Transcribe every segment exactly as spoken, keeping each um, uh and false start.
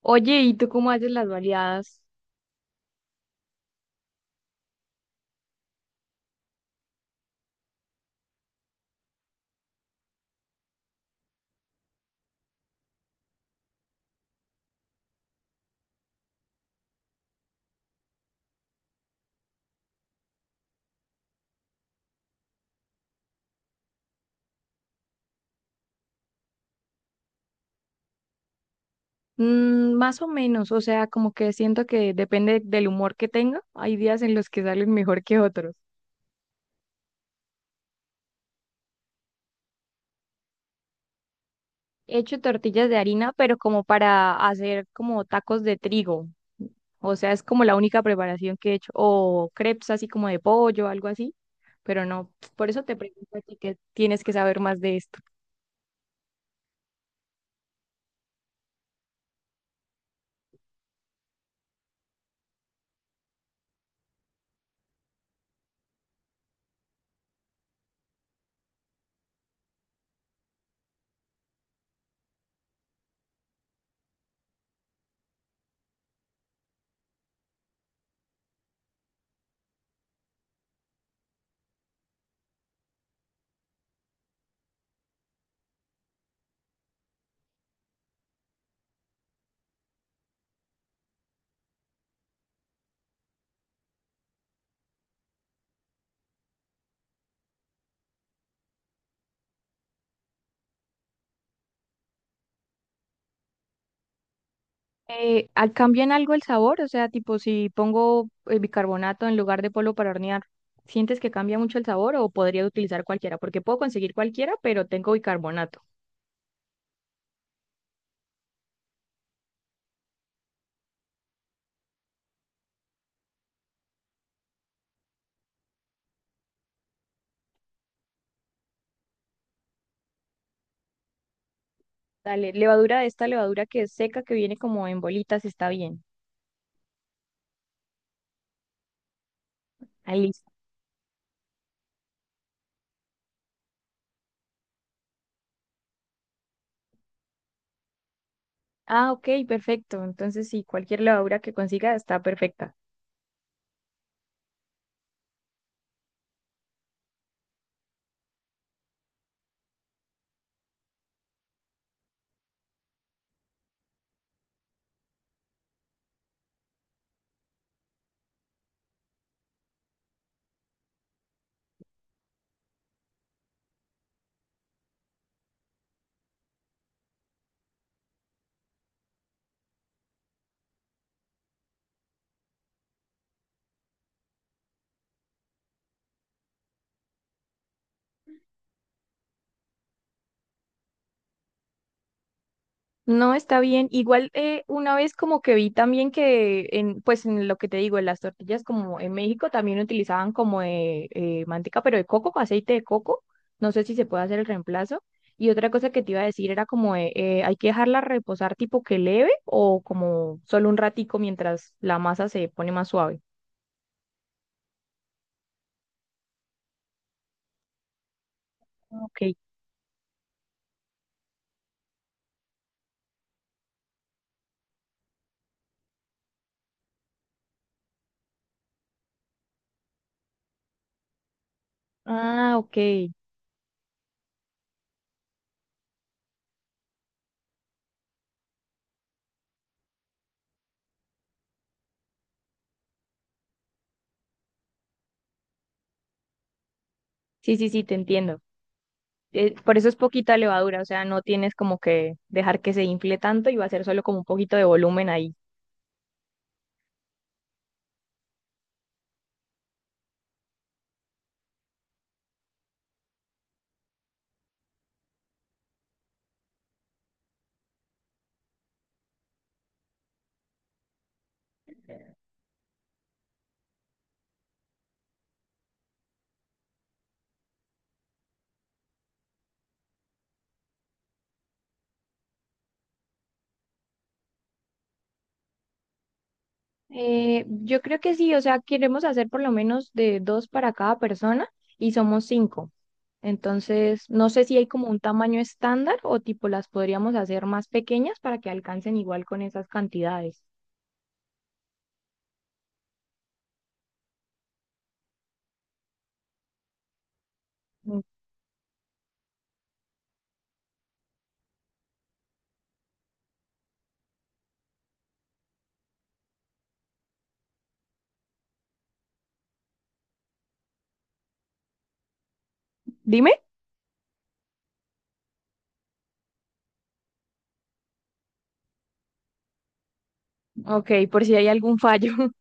Oye, ¿y tú cómo haces las baleadas? Mm, más o menos, o sea, como que siento que depende del humor que tenga. Hay días en los que salen mejor que otros. He hecho tortillas de harina, pero como para hacer como tacos de trigo. O sea, es como la única preparación que he hecho. O crepes así como de pollo, algo así. Pero no, por eso te pregunto a ti que tienes que saber más de esto. Eh, ¿al- ¿cambia en algo el sabor? O sea, tipo, si pongo eh, bicarbonato en lugar de polvo para hornear, ¿sientes que cambia mucho el sabor o podría utilizar cualquiera? Porque puedo conseguir cualquiera, pero tengo bicarbonato. Dale, levadura de esta levadura que es seca, que viene como en bolitas, está bien. Ahí listo. Ah, ok, perfecto. Entonces, sí, cualquier levadura que consiga está perfecta. No, está bien. Igual eh, una vez como que vi también que en, pues en lo que te digo, en las tortillas como en México también utilizaban como de, eh, manteca, pero de coco, aceite de coco. No sé si se puede hacer el reemplazo. Y otra cosa que te iba a decir era como de, eh, hay que dejarla reposar tipo que leve o como solo un ratico mientras la masa se pone más suave. Ok. Ah, ok. Sí, sí, sí, te entiendo. Eh, por eso es poquita levadura, o sea, no tienes como que dejar que se infle tanto y va a ser solo como un poquito de volumen ahí. Eh, yo creo que sí, o sea, queremos hacer por lo menos de dos para cada persona y somos cinco. Entonces, no sé si hay como un tamaño estándar o tipo las podríamos hacer más pequeñas para que alcancen igual con esas cantidades. Mm. Dime, ok, por si hay algún fallo.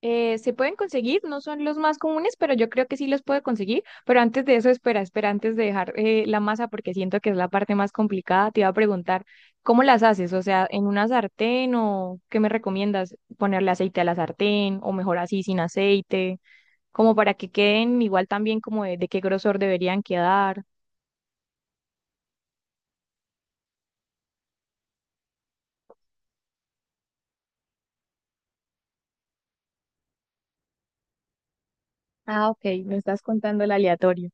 Eh, se pueden conseguir, no son los más comunes, pero yo creo que sí los puedo conseguir. Pero antes de eso, espera, espera, antes de dejar eh, la masa, porque siento que es la parte más complicada, te iba a preguntar, ¿cómo las haces? O sea, ¿en una sartén o qué me recomiendas? ¿Ponerle aceite a la sartén o mejor así sin aceite? Como para que queden igual también como de, de qué grosor deberían quedar. Ah, ok, me estás contando el aleatorio.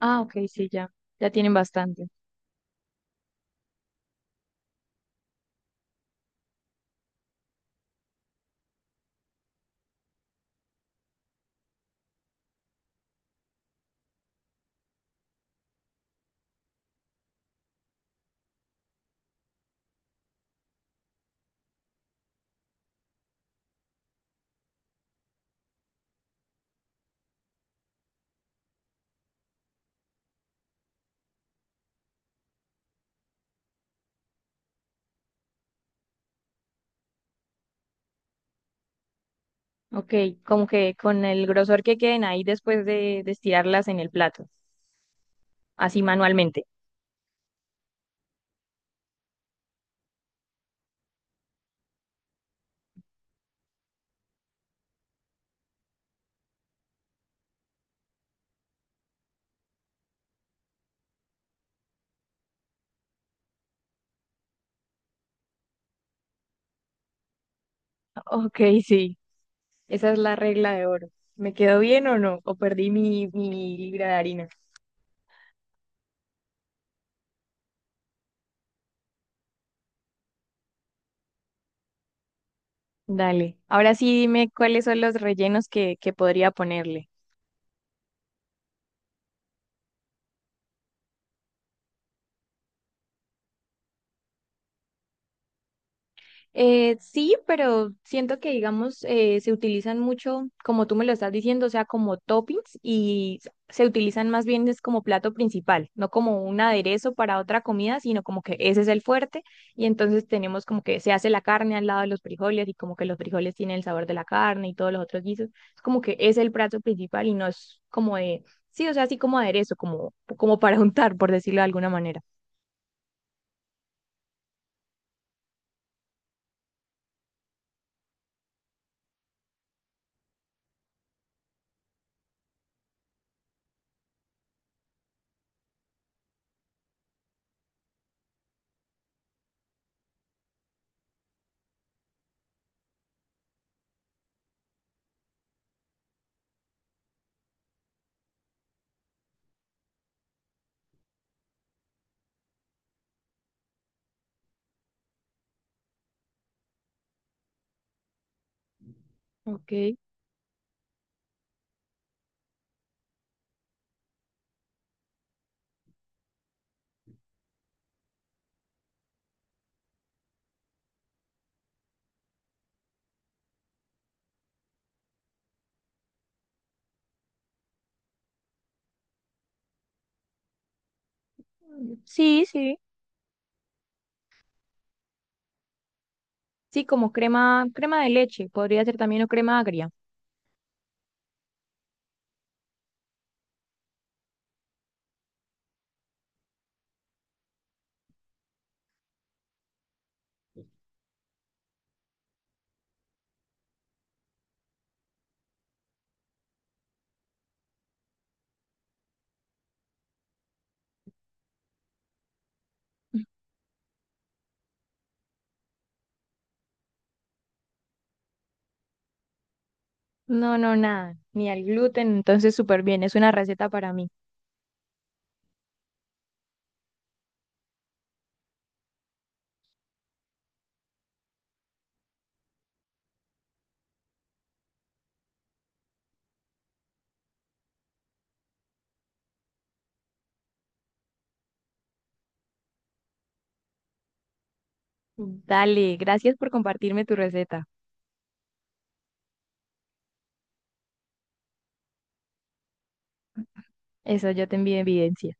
Ah, ok, sí, ya, ya tienen bastante. Ok, como que con el grosor que queden ahí después de, de estirarlas en el plato. Así manualmente. Ok, sí, esa es la regla de oro. ¿Me quedó bien o no? ¿O perdí mi, mi libra de harina? Dale. Ahora sí dime cuáles son los rellenos que, que podría ponerle. Eh, sí, pero siento que, digamos, eh, se utilizan mucho, como tú me lo estás diciendo, o sea, como toppings y se utilizan más bien es como plato principal, no como un aderezo para otra comida, sino como que ese es el fuerte y entonces tenemos como que se hace la carne al lado de los frijoles y como que los frijoles tienen el sabor de la carne y todos los otros guisos, es como que es el plato principal y no es como de, sí, o sea, así como aderezo, como, como para untar, por decirlo de alguna manera. Ok. Sí, sí. Sí, como crema, crema de leche, podría ser también o crema agria. No, no, nada, ni al gluten, entonces súper bien, es una receta para mí. Dale, gracias por compartirme tu receta. Eso yo te envío evidencia.